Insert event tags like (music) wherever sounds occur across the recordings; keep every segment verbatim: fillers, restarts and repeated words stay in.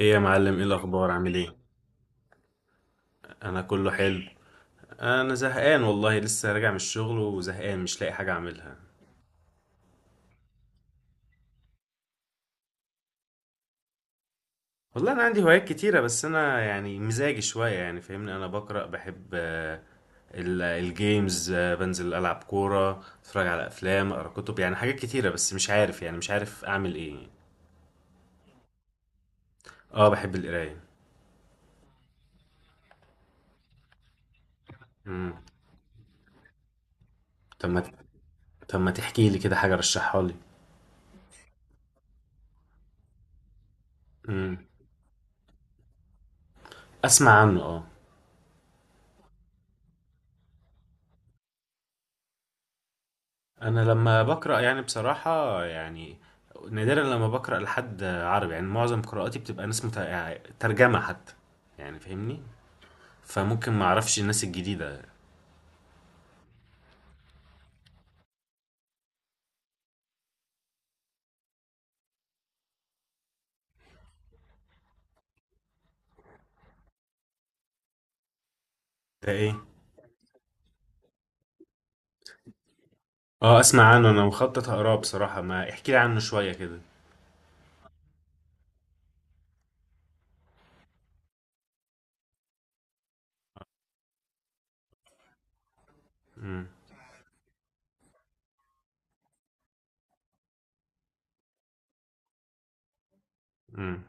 ايه يا معلم؟ ايه الاخبار؟ عامل ايه؟ انا كله حلو. انا زهقان والله، لسه راجع من الشغل وزهقان مش لاقي حاجه اعملها. والله انا عندي هوايات كتيره، بس انا يعني مزاجي شويه، يعني فاهمني، انا بقرا بحب، آه، ال- الجيمز، آه، بنزل العب كوره، اتفرج على افلام، اقرا كتب، يعني حاجات كتيره بس مش عارف يعني مش عارف اعمل ايه. اه بحب القرايه. امم. طب ما طب ما تحكي لي كده حاجه رشحها لي. امم. اسمع عنه اه. انا لما بقرا يعني بصراحه، يعني نادرا لما بقرا لحد عربي، يعني معظم قراءاتي بتبقى ناس مت... يعني ترجمه حتى، يعني فاهمني، فممكن ما اعرفش الناس الجديده. ده ايه؟ اه اسمع عنه، انا مخطط اقراه بصراحه، ما احكي لي عنه شويه كده. امم، امم،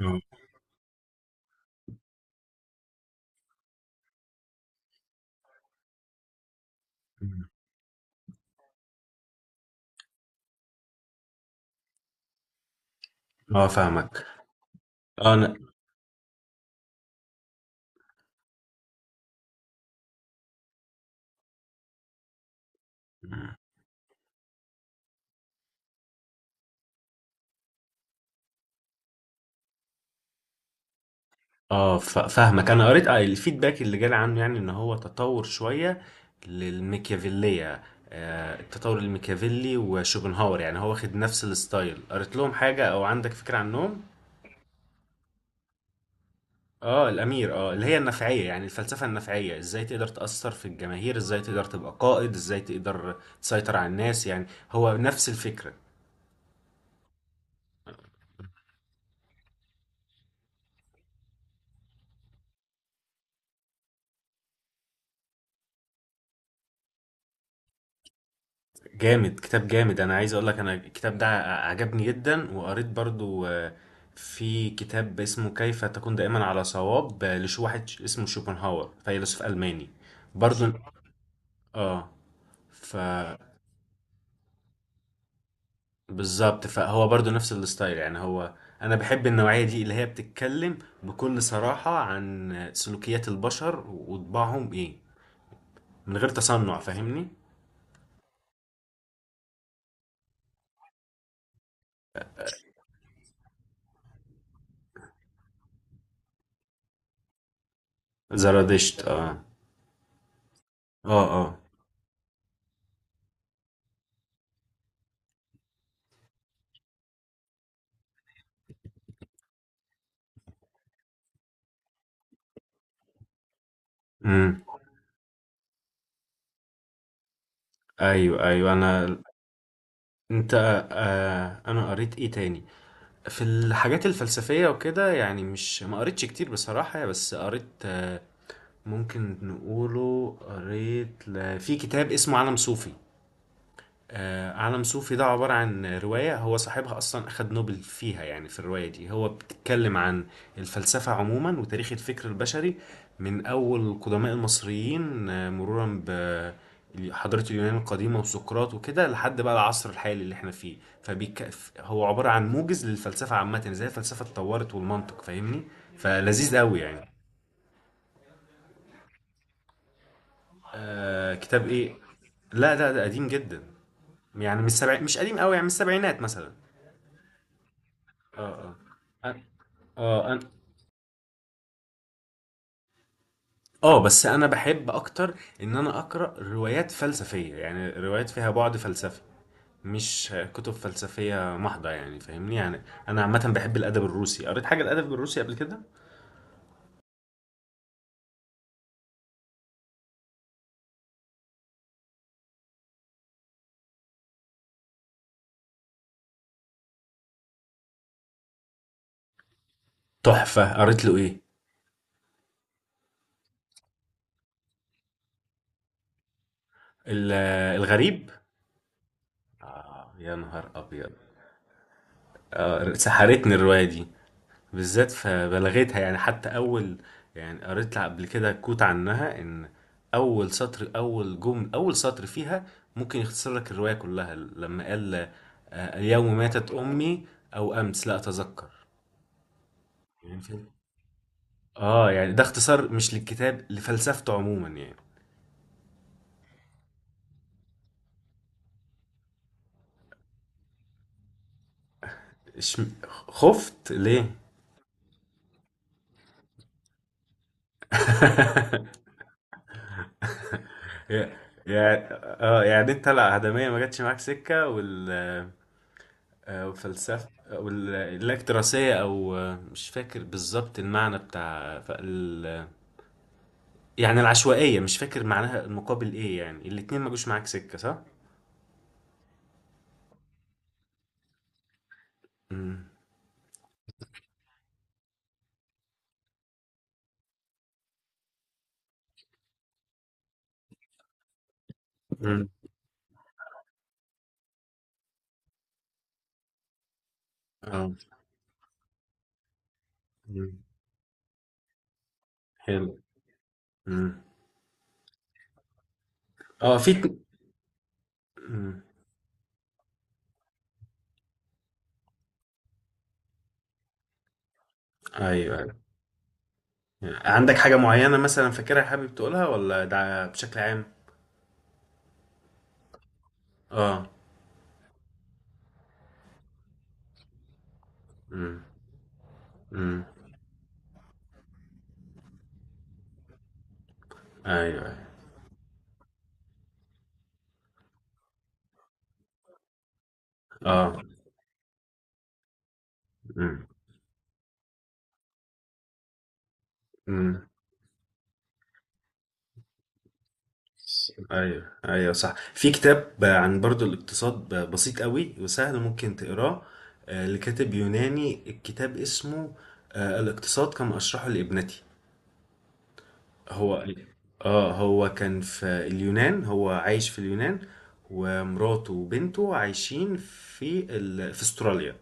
اه، أمم. آه، فاهمك اه انا اه ف- فاهمك، انا قريت، آه، الفيدباك اللي جالي عنه يعني ان هو تطور شويه للميكيافيليه. آه، التطور الميكيافيلي وشوبنهاور، يعني هو واخد نفس الستايل، قريت لهم حاجه او عندك فكره عنهم؟ اه الامير، اه اللي هي النفعيه، يعني الفلسفه النفعيه، ازاي تقدر تاثر في الجماهير، ازاي تقدر تبقى قائد، ازاي تقدر تسيطر على الناس، يعني هو نفس الفكره. جامد، كتاب جامد، انا عايز اقول لك انا الكتاب ده ع- عجبني جدا، وقريت برضو، آه، في كتاب اسمه كيف تكون دائما على صواب، آه، لش واحد ش- اسمه شوبنهاور، فيلسوف الماني. برضو اه. ف بالظبط، فهو برضو نفس الستايل يعني. هو انا بحب النوعية دي اللي هي بتتكلم بكل صراحة عن سلوكيات البشر وطباعهم ايه، من غير تصنع، فاهمني. زرادشت اه. اه اه. امم. ايوه ايوه. انا انت آه انا قريت ايه تاني؟ في الحاجات الفلسفية وكده، يعني مش ما قريتش كتير بصراحة، بس قريت آه ممكن نقوله، قريت ل... في كتاب اسمه عالم صوفي. آه، عالم صوفي ده عبارة عن رواية، هو صاحبها أصلا أخد نوبل فيها. يعني في الرواية دي هو بتتكلم عن الفلسفة عموما وتاريخ الفكر البشري، من أول القدماء المصريين، آه، مرورا بحضارة اليونان القديمة وسقراط وكده، لحد بقى العصر الحالي اللي احنا فيه. فبيك... هو عبارة عن موجز للفلسفة عامة، ازاي الفلسفة اتطورت والمنطق، فاهمني، فلذيذ قوي يعني. آه، كتاب ايه؟ لا، ده ده قديم جدا، يعني من السبع... مش قديم قوي، يعني من السبعينات مثلا. اه. اه اه. أنا- اه بس انا بحب اكتر ان انا اقرا روايات فلسفيه، يعني روايات فيها بعد فلسفي، مش كتب فلسفيه محضه، يعني فاهمني يعني. انا عامه بحب الادب الروسي، قريت حاجه الادب الروسي قبل كده؟ تحفه، قريت له ايه؟ ال- الغريب. اه يا نهار ابيض، آه سحرتني الروايه دي، بالذات فبلغتها، يعني حتى اول، يعني قريت لها قبل كده كوت عنها ان اول سطر، اول جمل، اول سطر فيها ممكن يختصر لك الرواية كلها لما قال آه، اليوم ماتت امي، او امس، لا اتذكر. يعني في- اه يعني ده اختصار، مش للكتاب، لفلسفته عموما يعني. إش- خفت ليه؟ (laughs) يعني اه، يعني انت العدمية ما جاتش معاك سكة، وال آه، والفلسفة والاكتراسية، أو آه، مش فاكر بالظبط المعنى بتاع ف- ال- يعني العشوائية، مش فاكر معناها المقابل إيه، يعني الاتنين ما جوش معاك سكة صح؟ مم. مم. اه. مم. حلو. مم. اه في ك- مم. أيوه، أيوة. يعني عندك حاجة معينة مثلا فاكرها حابب تقولها، ولا ده بشكل عام؟ اه. مم. مم. أيوه، أيوة. اه. مم. مم. ايوه ايوه صح، في كتاب عن برضو الاقتصاد، ب- بسيط قوي وسهل، ممكن تقراه، آه، لكاتب يوناني، الكتاب اسمه آه، الاقتصاد كما اشرحه لابنتي. هو اه، هو كان في اليونان، هو عايش في اليونان ومراته وبنته عايشين في ال... في استراليا.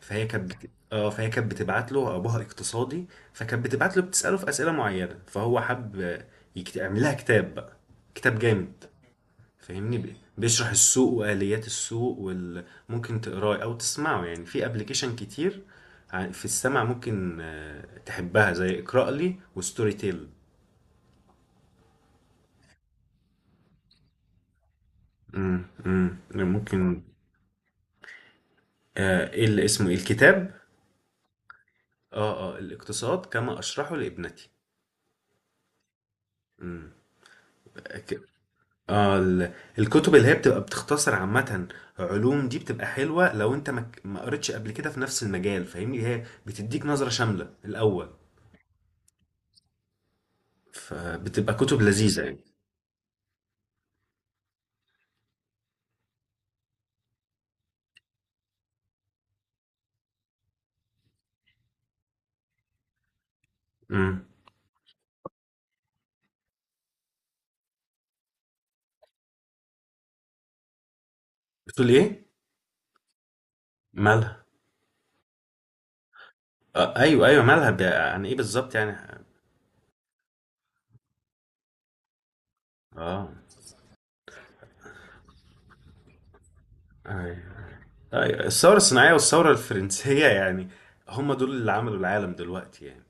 فهي كانت بت... اه، فهي كانت بتبعت له، ابوها اقتصادي، فكانت بتبعت له، بتساله في اسئله معينه، فهو حب يكت... يعمل لها كتاب بقى، كتاب جامد، فاهمني، بي- بيشرح السوق واليات السوق وال... ممكن تقراه او تسمعه يعني، في ابلكيشن كتير، ع- في السمع، ممكن آه، تحبها زي اقرأ لي وستوري تيل. امم، امم، ممكن. آه، ايه اللي اسمه إيه؟ الكتاب؟ اه، اه، الاقتصاد كما اشرحه لابنتي. امم. ك- اه ال- الكتب اللي هي بتبقى بتختصر عامة علوم، دي بتبقى حلوة لو انت ما ك- ما قريتش قبل كده في نفس المجال، فاهمني، هي بتديك نظرة شاملة الأول، فبتبقى كتب لذيذة يعني. امم. بتقول ايه؟ مالها؟ آه ايوه ايوه، مالها ب- عن ايه بالظبط يعني؟ اه ايوه، أيوة. الثوره الصناعيه والثوره الفرنسيه، يعني هم دول اللي عملوا العالم دلوقتي يعني.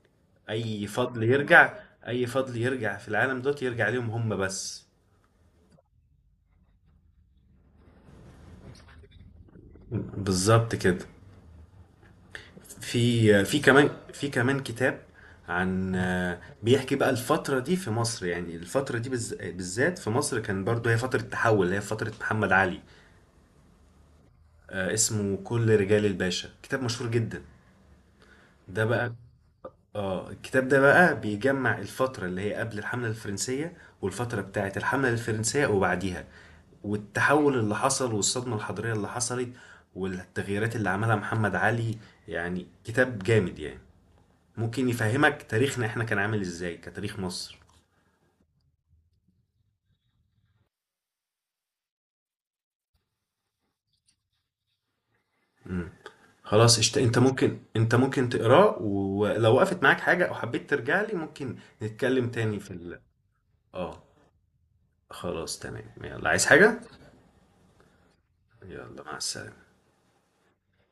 اي فضل يرجع اي فضل يرجع في العالم دوت، يرجع ليهم هم بس. بالظبط كده. في في كمان في كمان كتاب عن، آه، بيحكي بقى الفترة دي في مصر، يعني الفترة دي بالز- بالذات في مصر، كان برضو هي فترة تحول، هي فترة محمد علي. آه، اسمه كل رجال الباشا، كتاب مشهور جدا، ده بقى. اه الكتاب ده بقى بيجمع الفترة اللي هي قبل الحملة الفرنسية، والفترة بتاعة الحملة الفرنسية وبعديها، والتحول اللي حصل، والصدمة الحضارية اللي حصلت، والتغييرات اللي عملها محمد علي. يعني كتاب جامد يعني، ممكن يفهمك تاريخنا احنا كان عامل ازاي كتاريخ مصر. مم. خلاص، اشت... انت ممكن انت ممكن تقراه، ولو وقفت معاك حاجة او حبيت ترجع لي ممكن نتكلم تاني في ال... اه. خلاص تمام، يلا، عايز حاجة؟ يلا، مع السلامة.